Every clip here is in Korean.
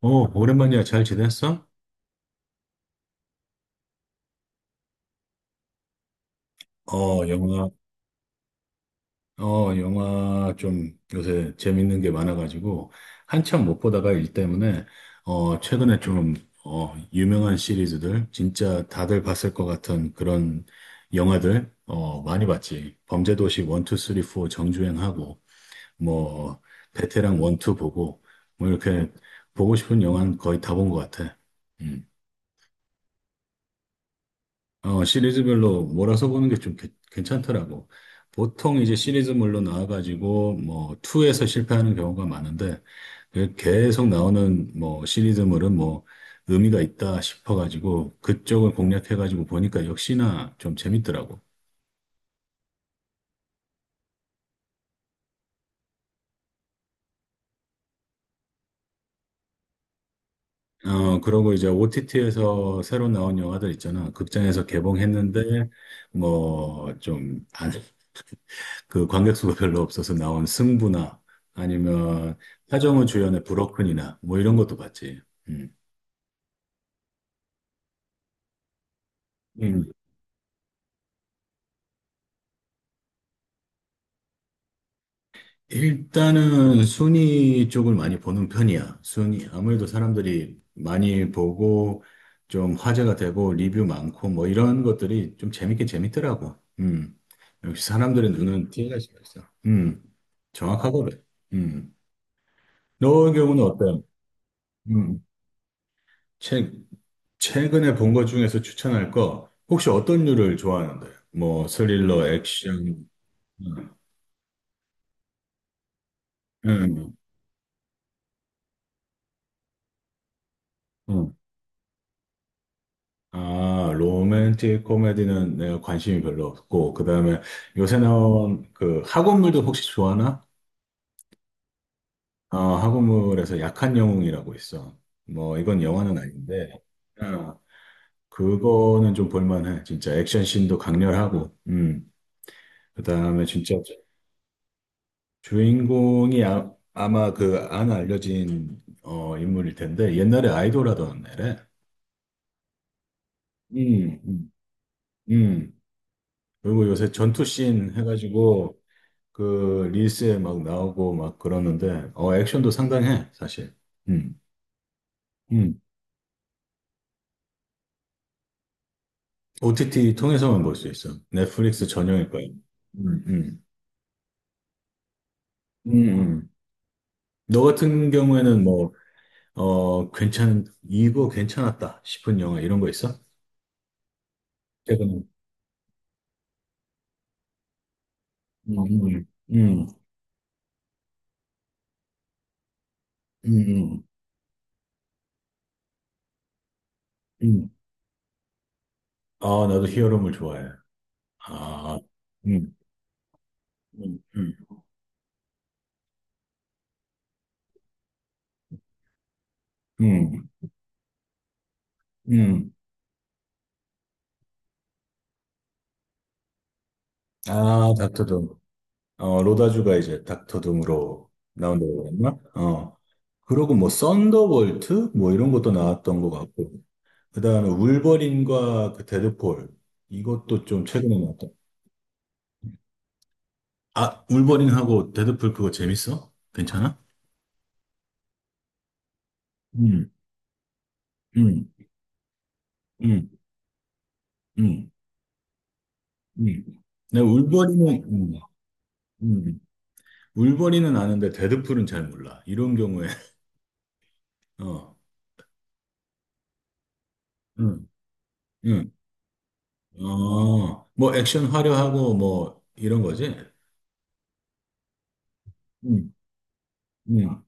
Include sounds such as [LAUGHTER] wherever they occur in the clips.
어, 오랜만이야. 잘 지냈어? 어, 영화, 영화 좀 요새 재밌는 게 많아가지고, 한참 못 보다가 일 때문에, 최근에 좀, 유명한 시리즈들, 진짜 다들 봤을 것 같은 그런 영화들, 많이 봤지. 범죄도시 1, 2, 3, 4 정주행하고, 뭐, 베테랑 1, 2 보고, 뭐 이렇게 보고 싶은 영화는 거의 다 본 것 같아. 음. 시리즈별로 몰아서 보는 게 좀 괜찮더라고. 보통 이제 시리즈물로 나와가지고 뭐 2에서 실패하는 경우가 많은데 그 계속 나오는 뭐 시리즈물은 뭐 의미가 있다 싶어가지고 그쪽을 공략해가지고 보니까 역시나 좀 재밌더라고. 그러고 이제 OTT에서 새로 나온 영화들 있잖아. 극장에서 개봉했는데, 뭐, 좀, 안, 그 관객수가 별로 없어서 나온 승부나 아니면 하정우 주연의 브로큰이나 뭐 이런 것도 봤지. 음. 음. 일단은 순위 쪽을 많이 보는 편이야. 순위 아무래도 사람들이 많이 보고 좀 화제가 되고 리뷰 많고 뭐 이런 것들이 좀 재밌긴 재밌더라고. 음. 역시 사람들의 눈은 띄어갈 수가 있어. 음. 정확하거든. 음. 너의 경우는 어때? 요 최, 최근에 본 것 중에서 추천할 거, 혹시 어떤 류를 좋아하는데? 뭐, 스릴러, 액션, 음, 음. 어. 아, 로맨틱 코미디는 내가 관심이 별로 없고, 그 다음에 요새 나온 그 학원물도 혹시 좋아하나? 학원물에서 약한 영웅이라고 있어. 뭐, 이건 영화는 아닌데, 어, 그거는 좀 볼만해. 진짜 액션 씬도 강렬하고, 그 다음에 진짜 주인공이 아마 그 안 알려진 인물일 텐데 옛날에 아이돌 하던 애래. 음, 음, 음. 그리고 요새 전투씬 해가지고 그 릴스에 막 나오고 막 그러는데 액션도 상당해 사실. 음, 음. OTT 통해서만 볼 수 있어. 넷플릭스 전용일 거야. 음, 음, 음, 음. 너 같은 경우에는 뭐 어 괜찮 이거 괜찮았다 싶은 영화 이런 거 있어? 최근에. 음, 음, 음, 음. 음. 아, 나도 히어로물 좋아해. 아, 음, 음, 음, 음, 음. 아, 닥터둠. 로다주가 이제 닥터둠으로 나온다고 그랬나? 어. 그러고 뭐, 썬더볼트? 뭐 이런 것도 나왔던 것 같고. 그 다음에 울버린과 그 데드풀. 이것도 좀 최근에 나왔던. 아, 울버린하고 데드풀 그거 재밌어? 괜찮아? 음, 음, 음, 음, 음. 내가 울버린은, 음. 울버린은 아는데 데드풀은 잘 몰라. 이런 경우에, [LAUGHS] 어, 응, 응, 어, 뭐 액션 화려하고 뭐 이런 거지? 응, 응,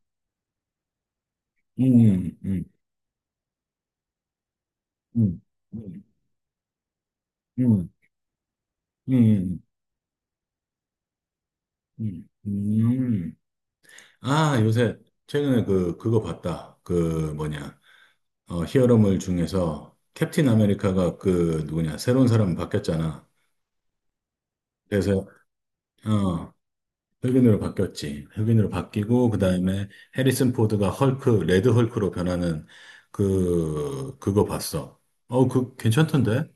응, 응, 응, 응, 응, 응, 응, 응. 응. 아, 요새 최근에 그거 봤다. 그 뭐냐, 히어로물 중에서 캡틴 아메리카가 그 누구냐, 새로운 사람 바뀌었잖아. 그래서, 어, 흑인으로 바뀌었지. 흑인으로 바뀌고 그다음에 해리슨 포드가 헐크, 레드 헐크로 변하는 그거 봤어. 그 괜찮던데?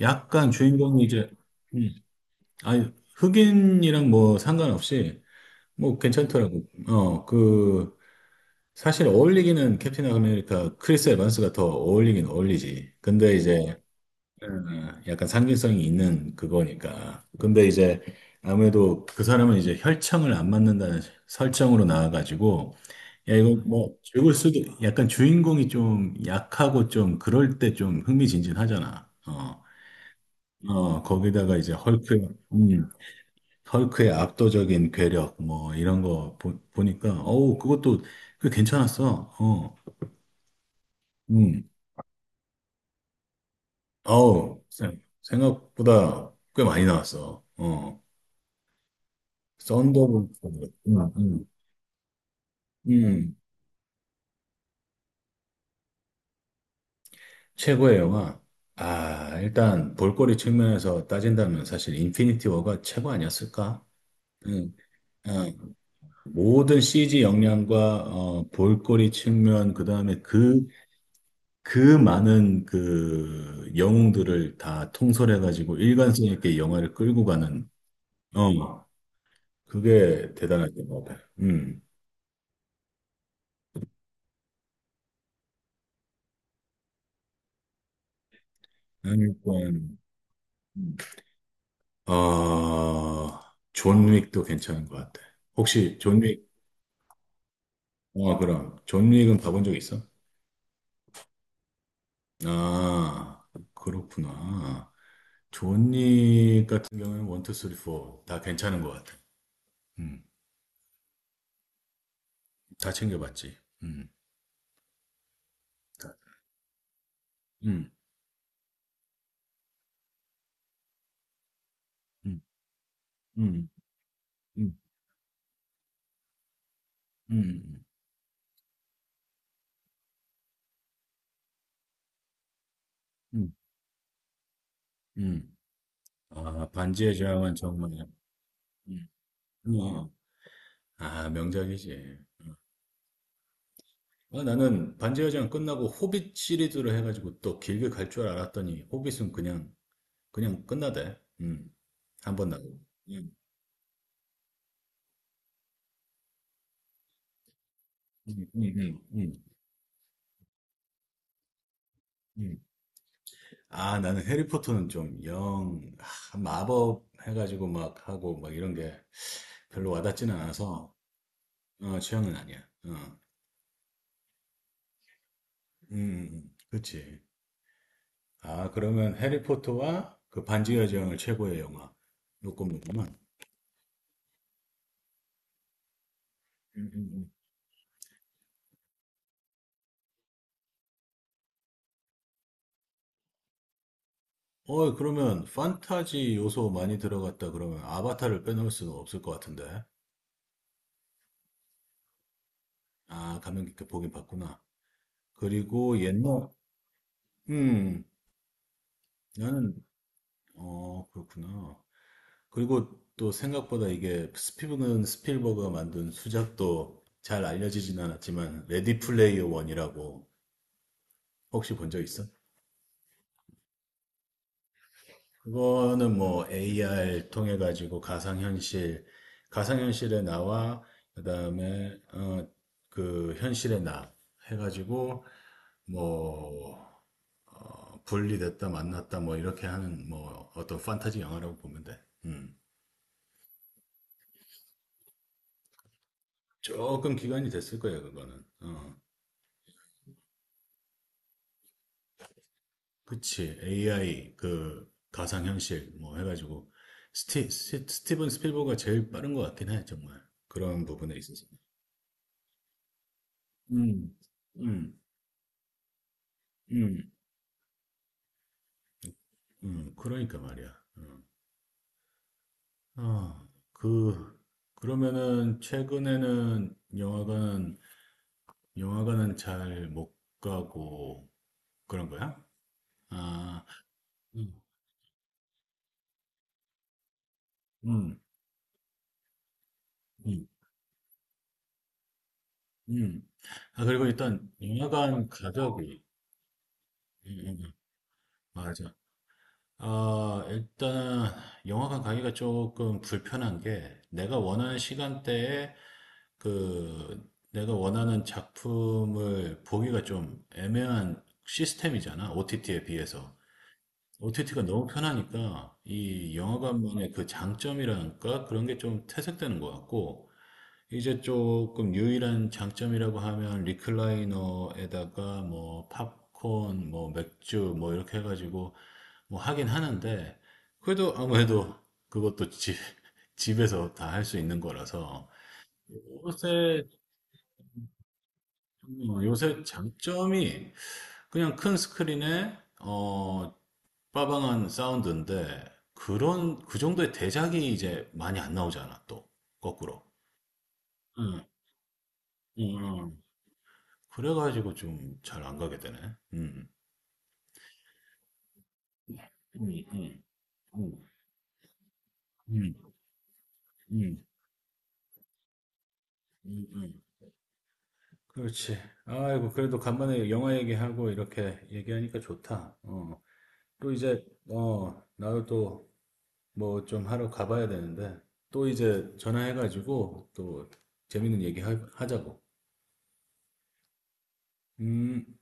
약간 주인공이 이제 음, 아니 흑인이랑 뭐 상관없이 뭐 괜찮더라고. 그 사실 어울리기는 캡틴 아메리카 크리스 에반스가 더 어울리긴 어울리지. 근데 이제 약간 상징성이 있는 그거니까. 근데 이제 아무래도 그 사람은 이제 혈청을 안 맞는다는 설정으로 나와가지고, 야, 이거 뭐 죽을 수도, 약간 주인공이 좀 약하고 좀 그럴 때 좀 흥미진진하잖아. 거기다가 이제 헐크의 압도적인 괴력, 뭐 이런 거 보니까, 어우, 그것도 꽤 괜찮았어. 음, 어우, 생각보다 꽤 많이 나왔어. 어. 썬더볼트. 음, 음. 음, 최고의 영화. 아, 일단 볼거리 측면에서 따진다면 사실 인피니티 워가 최고 아니었을까? 음, 어, 모든 CG 역량과 볼거리 측면, 그다음에 그 많은 그 영웅들을 다 통솔해가지고 일관성 있게 영화를 끌고 가는, 어, 그게 대단하게 뭐. 음, 그러니까, 음. 어, 존 윅도 괜찮은 것 같아. 혹시 존 윅, 그럼. 존 윅은 봐본 적 있어? 아, 그렇구나. 존윅 같은 경우에는 원, 투, 쓰리, 포 다 괜찮은 것 같아. 음, 다 챙겨봤지. 음, 다. 음, 음, 음, 음, 음, 음, 음. 음. 아, 반지의 제왕은 정말, 음, 음. 아, 명작이지. 아, 나는 반지의 제왕 끝나고 호빗 시리즈를 해가지고 또 길게 갈 줄 알았더니 호빗은 그냥 끝나대. 한 번 나고. 음, 음, 음, 음, 음, 음. 아, 나는 해리포터는 좀 마법 해가지고 막 하고 막 이런 게 별로 와닿지는 않아서 취향은 아니야. 어, 그치. 아, 그러면 해리포터와 그 반지의 제왕을 최고의 영화. 요거구만. 그러면 판타지 요소 많이 들어갔다 그러면 아바타를 빼놓을 수는 없을 것 같은데. 아, 감명 깊게 보긴 봤구나. 그리고 옛날, 음, 나는, 그렇구나. 그리고 또 생각보다 이게 스피븐 스필버그가 만든 수작도 잘 알려지진 않았지만, 레디 플레이어 원이라고 혹시 본 적 있어? 그거는 뭐 AR 통해 가지고 가상현실의 나와 그다음에 그 현실의 나 해가지고 뭐 분리됐다 만났다 뭐 이렇게 하는 뭐 어떤 판타지 영화라고 보면 돼. 음. 조금 기간이 됐을 거예요 그거는. 어. 그치 AI 그 가상현실 뭐 해가지고 스티븐 스필버가 제일 빠른 것 같긴 해 정말 그런 부분에 있어서. 음. 음. 음. 그러니까 말이야. 음. 아, 그, 그러면은 최근에는 영화관은 잘 못 가고 그런 거야? 아, 음, 음, 음. 음. 아, 그리고 일단 영화관 가격이, 음, 음, 맞아. 아, 일단 영화관 가기가 조금 불편한 게 내가 원하는 시간대에 그 내가 원하는 작품을 보기가 좀 애매한 시스템이잖아. OTT에 비해서. OTT가 너무 편하니까 이 영화관만의 그 장점이랄까? 그런 게 좀 퇴색되는 것 같고 이제 조금 유일한 장점이라고 하면 리클라이너에다가 뭐 팝콘, 뭐 맥주 뭐 이렇게 해가지고 뭐 하긴 하는데, 그래도 아무래도 그것도 집에서 다 할 수 있는 거라서, 요새, 요새 장점이 그냥 큰 스크린에, 빠방한 사운드인데, 그 정도의 대작이 이제 많이 안 나오잖아, 또. 거꾸로. 응, 응, 응. 그래가지고 좀 잘 안 가게 되네. 음. 음, 음, 음, 음, 음, 음, 음. 그렇지. 아이고, 그래도 간만에 영화 얘기하고 이렇게 얘기하니까 좋다. 어. 또 이제, 나도 또 뭐 좀 하러 가봐야 되는데, 또 이제 전화해가지고 또 재밌는 얘기 하자고. 음.